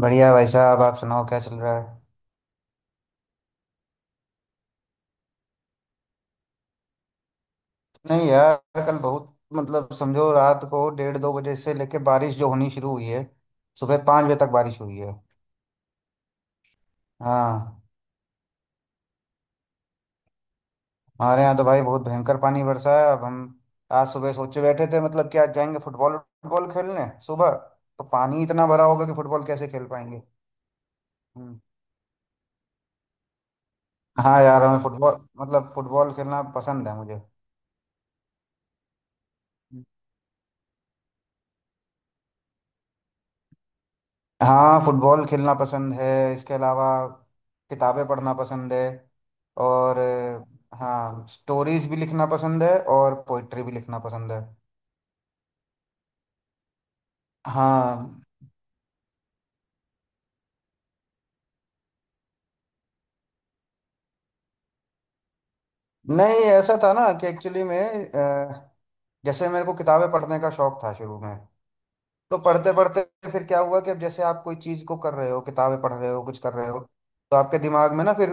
बढ़िया भाई साहब, आप सुनाओ क्या चल रहा है? नहीं यार। कल बहुत मतलब समझो रात को डेढ़ दो बजे से लेके बारिश जो होनी शुरू हुई है, सुबह 5 बजे तक बारिश हुई है। हाँ। हमारे यहाँ तो भाई बहुत भयंकर पानी बरसा है। अब हम आज सुबह सोचे बैठे थे मतलब कि आज जाएंगे फुटबॉल फुटबॉल खेलने सुबह। तो पानी इतना भरा होगा कि फुटबॉल कैसे खेल पाएंगे। हम्म। हाँ यार हमें फुटबॉल मतलब फुटबॉल खेलना पसंद है मुझे। हाँ, फुटबॉल खेलना पसंद है। इसके अलावा किताबें पढ़ना पसंद है। और हाँ, स्टोरीज भी लिखना पसंद है और पोइट्री भी लिखना पसंद है। हाँ। नहीं ऐसा था ना कि एक्चुअली में, अ, जैसे मेरे को किताबें पढ़ने का शौक था शुरू में। तो पढ़ते पढ़ते फिर क्या हुआ कि अब जैसे आप कोई चीज़ को कर रहे हो, किताबें पढ़ रहे हो, कुछ कर रहे हो, तो आपके दिमाग में ना फिर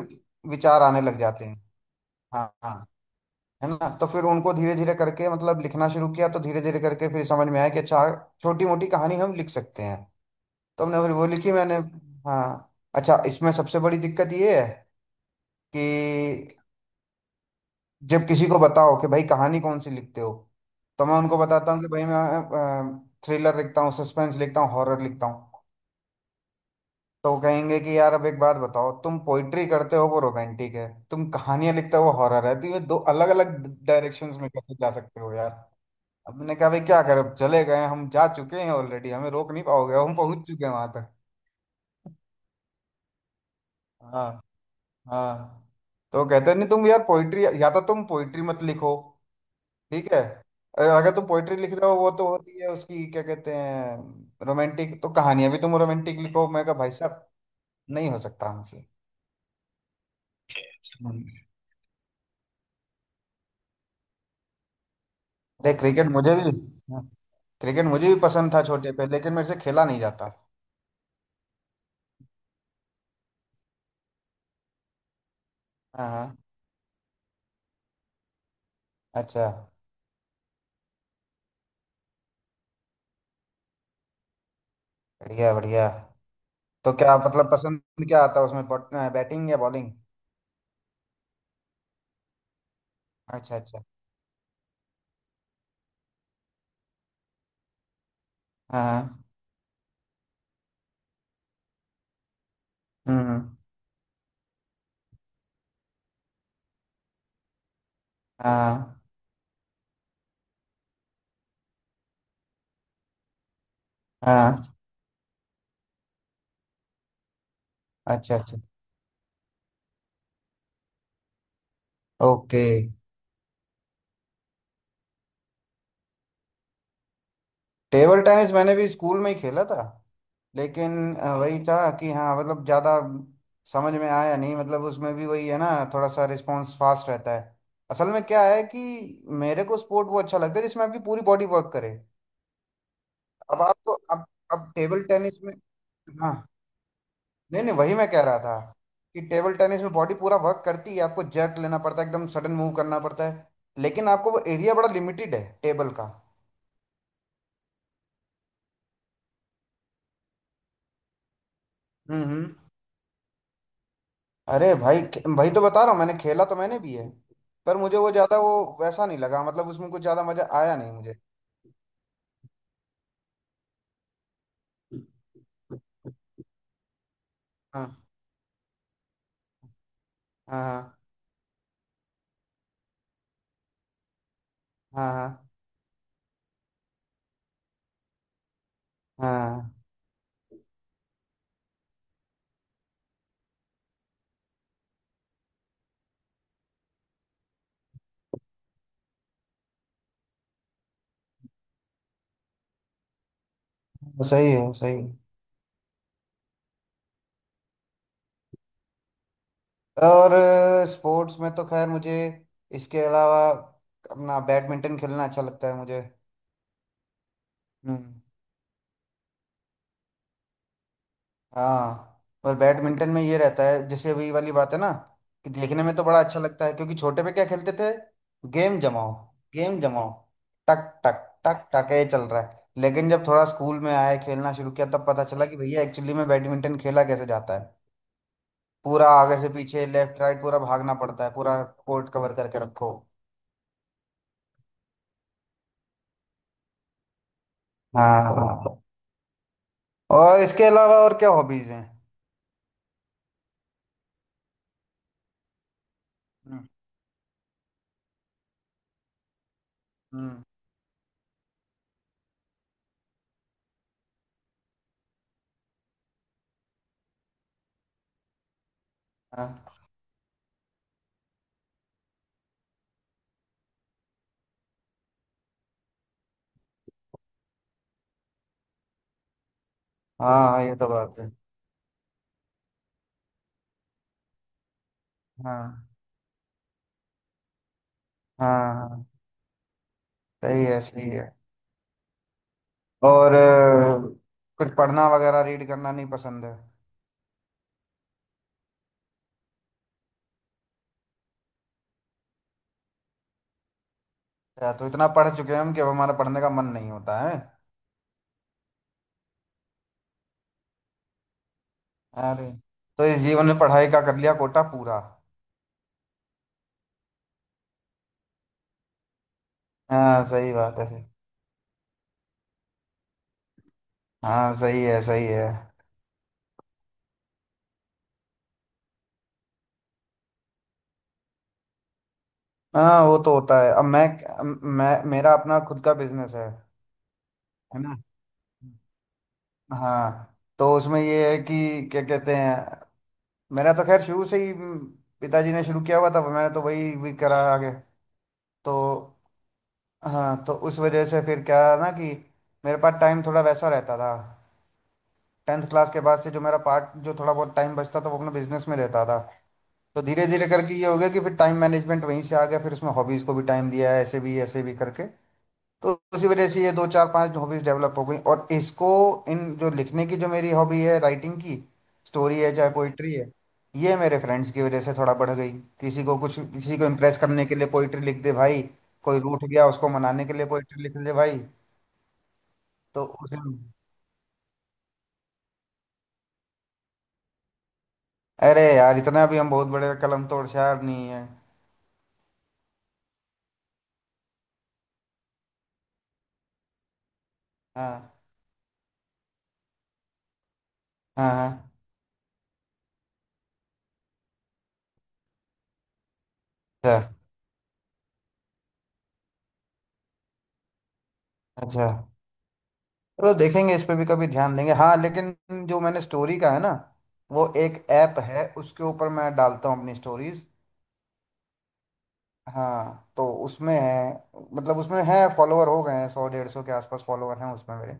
विचार आने लग जाते हैं। हाँ हाँ। है ना, तो फिर उनको धीरे धीरे करके मतलब लिखना शुरू किया, तो धीरे धीरे करके फिर समझ में आया कि अच्छा, छोटी मोटी कहानी हम लिख सकते हैं। तो हमने फिर वो लिखी मैंने। हाँ, अच्छा। इसमें सबसे बड़ी दिक्कत ये है कि जब किसी को बताओ कि भाई कहानी कौन सी लिखते हो, तो मैं उनको बताता हूँ कि भाई मैं थ्रिलर लिखता हूँ, सस्पेंस लिखता हूँ, हॉरर लिखता हूँ। तो वो कहेंगे कि यार अब एक बात बताओ, तुम पोइट्री करते हो वो रोमांटिक है, तुम कहानियां लिखते हो वो हॉरर है, तो ये दो अलग अलग डायरेक्शंस में कैसे जा सकते हो यार? हमने कहा भाई क्या करें, अब चले गए, हम जा चुके हैं ऑलरेडी, हमें रोक नहीं पाओगे, हम पहुंच चुके हैं वहां तक। हाँ हाँ। तो कहते नहीं तुम यार, पोइट्री, या तो तुम पोइट्री मत लिखो, ठीक है? और अगर तुम पोइट्री लिख रहे हो वो तो होती है उसकी क्या कहते हैं, रोमांटिक, तो कहानियां भी तुम रोमांटिक लिखो। मैं कहा भाई साहब, नहीं हो सकता हमसे। हम्म। अरे क्रिकेट मुझे भी, क्रिकेट मुझे भी पसंद था छोटे पे, लेकिन मेरे से खेला नहीं जाता। हाँ हाँ। अच्छा, बढ़िया बढ़िया। तो क्या मतलब पसंद क्या आता है उसमें, बैटिंग या बॉलिंग? अच्छा अच्छा। हाँ हाँ। हम्म। हाँ हाँ। अच्छा अच्छा। ओके। टेबल टेनिस मैंने भी स्कूल में ही खेला था। लेकिन वही था कि हाँ मतलब ज़्यादा समझ में आया नहीं। मतलब उसमें भी वही है ना, थोड़ा सा रिस्पॉन्स फास्ट रहता है। असल में क्या है कि मेरे को स्पोर्ट वो अच्छा लगता है जिसमें आपकी पूरी बॉडी वर्क करे। अब आपको अब टेबल टेनिस में, हाँ, नहीं नहीं, वही मैं कह रहा था कि टेबल टेनिस में बॉडी पूरा वर्क करती है, आपको जर्क लेना पड़ता है, एकदम सडन मूव करना पड़ता है, लेकिन आपको वो एरिया बड़ा लिमिटेड है टेबल का। हम्म। अरे भाई, भाई तो बता रहा हूँ, मैंने खेला तो मैंने भी है, पर मुझे वो ज्यादा वो वैसा नहीं लगा। मतलब उसमें कुछ ज्यादा मजा आया नहीं मुझे। हाँ हाँ। हाँ हाँ हाँ। वो सही है, वो सही है। और स्पोर्ट्स में तो खैर मुझे, इसके अलावा अपना बैडमिंटन खेलना अच्छा लगता है मुझे। हम्म। हाँ। पर बैडमिंटन में ये रहता है, जैसे वही वाली बात है ना कि देखने में तो बड़ा अच्छा लगता है क्योंकि छोटे पे क्या खेलते थे, गेम जमाओ, गेम जमाओ, टक टक टक टक, ये चल रहा है। लेकिन जब थोड़ा स्कूल में आए, खेलना शुरू किया, तब पता चला कि भैया एक्चुअली में बैडमिंटन खेला कैसे जाता है। पूरा आगे से पीछे, लेफ्ट राइट पूरा भागना पड़ता है, पूरा कोर्ट कवर करके रखो। हाँ। और इसके अलावा और क्या हॉबीज हैं? हम्म हम्म, हाँ हाँ, हाँ, ये तो बात है। हाँ हाँ, हाँ, सही है सही है। और कुछ पढ़ना वगैरह रीड करना नहीं पसंद है? या तो इतना पढ़ चुके हैं हम कि अब हमारा पढ़ने का मन नहीं होता है। अरे, तो इस जीवन में पढ़ाई का कर लिया कोटा पूरा। हाँ, सही बात है। हाँ, सही है सही है। हाँ, वो तो होता है। अब मैं मेरा अपना खुद का बिजनेस है। है ना। हाँ, तो उसमें ये है कि क्या कहते हैं, मेरा तो खैर शुरू से ही पिताजी ने शुरू किया हुआ था, मैंने तो वही भी करा आगे। तो, हाँ, तो उस वजह से फिर क्या है ना कि मेरे पास टाइम थोड़ा वैसा रहता था। टेंथ क्लास के बाद से जो मेरा पार्ट, जो थोड़ा बहुत टाइम बचता था वो अपने बिजनेस में रहता था। तो धीरे धीरे करके ये हो गया कि फिर टाइम मैनेजमेंट वहीं से आ गया, फिर उसमें हॉबीज़ को भी टाइम दिया ऐसे भी करके। तो उसी वजह से ये दो चार पांच हॉबीज डेवलप हो गई। और इसको, इन जो लिखने की जो मेरी हॉबी है राइटिंग की, स्टोरी है चाहे पोइट्री है, ये मेरे फ्रेंड्स की वजह से थोड़ा बढ़ गई। किसी को कुछ, किसी को इम्प्रेस करने के लिए पोइट्री लिख दे भाई, कोई रूठ गया उसको मनाने के लिए पोइट्री लिख दे भाई। तो उसे, अरे यार, इतना भी हम बहुत बड़े कलम तोड़ शायर नहीं है। हाँ हाँ, हाँ। अच्छा अच्छा। चलो देखेंगे, इस पे भी कभी ध्यान देंगे। हाँ, लेकिन जो मैंने स्टोरी का है ना, वो एक ऐप है, उसके ऊपर मैं डालता हूँ अपनी स्टोरीज। हाँ, तो उसमें है, मतलब उसमें है फॉलोअर हो गए हैं, सौ डेढ़ सौ के आसपास फॉलोअर हैं उसमें मेरे।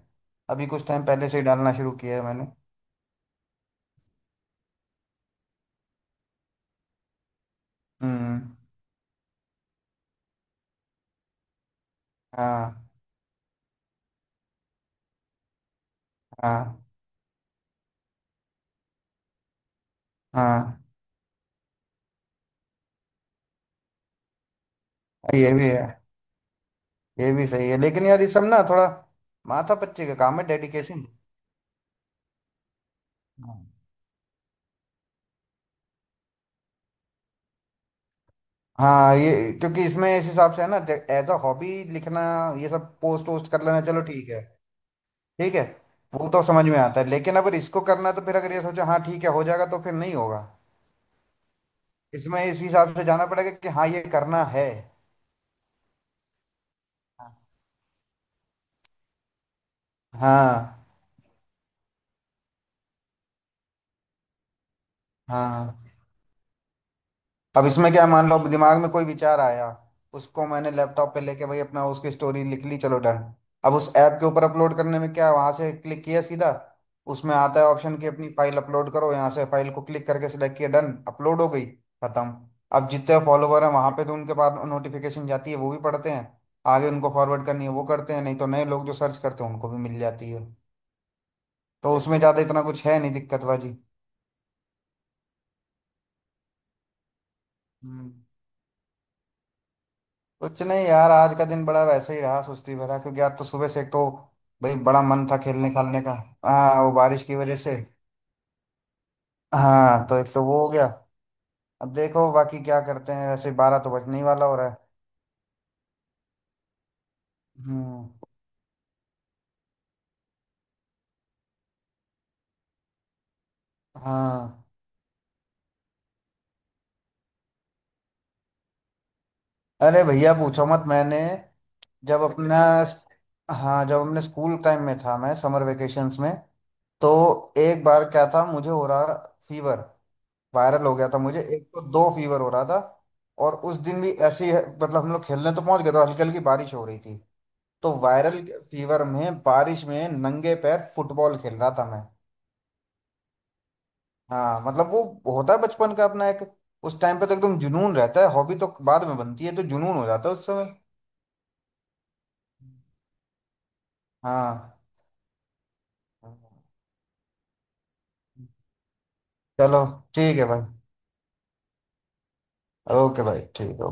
अभी कुछ टाइम पहले से ही डालना शुरू किया है मैंने। हम्म। हाँ हाँ, हाँ। ये भी है, ये भी सही है, लेकिन यार ये सब ना थोड़ा माथा पच्ची का काम है, डेडिकेशन। हाँ, ये क्योंकि इसमें इस हिसाब से है ना, एज अ हॉबी, लिखना, ये सब पोस्ट वोस्ट कर लेना, चलो ठीक है। ठीक है, वो तो समझ में आता है, लेकिन अगर इसको करना है, तो फिर अगर ये सोचो हाँ ठीक है हो जाएगा, तो फिर नहीं होगा। इसमें इस हिसाब से जाना पड़ेगा कि हाँ ये करना है। हाँ हाँ हाँ। अब इसमें क्या है, मान लो अब दिमाग में कोई विचार आया, उसको मैंने लैपटॉप पे लेके भाई अपना उसकी स्टोरी लिख ली, चलो डन। अब उस ऐप के ऊपर अपलोड करने में क्या, वहां से क्लिक किया सीधा, उसमें आता है ऑप्शन कि अपनी फाइल अपलोड करो, यहाँ से फाइल को क्लिक करके सिलेक्ट किया, डन, अपलोड हो गई, खत्म। अब जितने फॉलोवर हैं वहां पे तो उनके पास नोटिफिकेशन जाती है, वो भी पढ़ते हैं, आगे उनको फॉरवर्ड करनी है वो करते हैं, नहीं तो नए लोग जो सर्च करते हैं उनको भी मिल जाती है। तो उसमें ज्यादा इतना कुछ है नहीं दिक्कत बाजी। हम्म। कुछ नहीं यार, आज का दिन बड़ा वैसे ही रहा, सुस्ती भरा, क्योंकि आज तो सुबह से एक तो भाई बड़ा मन था खेलने खालने का। हाँ, वो बारिश की वजह से। हाँ, तो एक तो वो हो गया। अब देखो बाकी क्या करते हैं, वैसे 12 तो बजने ही वाला हो रहा है। हम्म। हाँ। अरे भैया पूछो मत, मैंने जब अपना, हाँ, जब हमने स्कूल टाइम में था मैं समर वेकेशंस में, तो एक बार क्या था मुझे हो रहा फीवर, वायरल हो गया था मुझे, एक तो दो फीवर हो रहा था। और उस दिन भी ऐसे ही मतलब हम लोग खेलने तो पहुंच गए थे, हल्की हल्की बारिश हो रही थी, तो वायरल फीवर में बारिश में नंगे पैर फुटबॉल खेल रहा था मैं। हाँ, मतलब वो होता है बचपन का अपना एक, उस टाइम पे तो एकदम जुनून रहता है, हॉबी तो बाद में बनती है, तो जुनून हो जाता है उस समय। हाँ, चलो, ठीक है भाई। ओके भाई, ठीक है।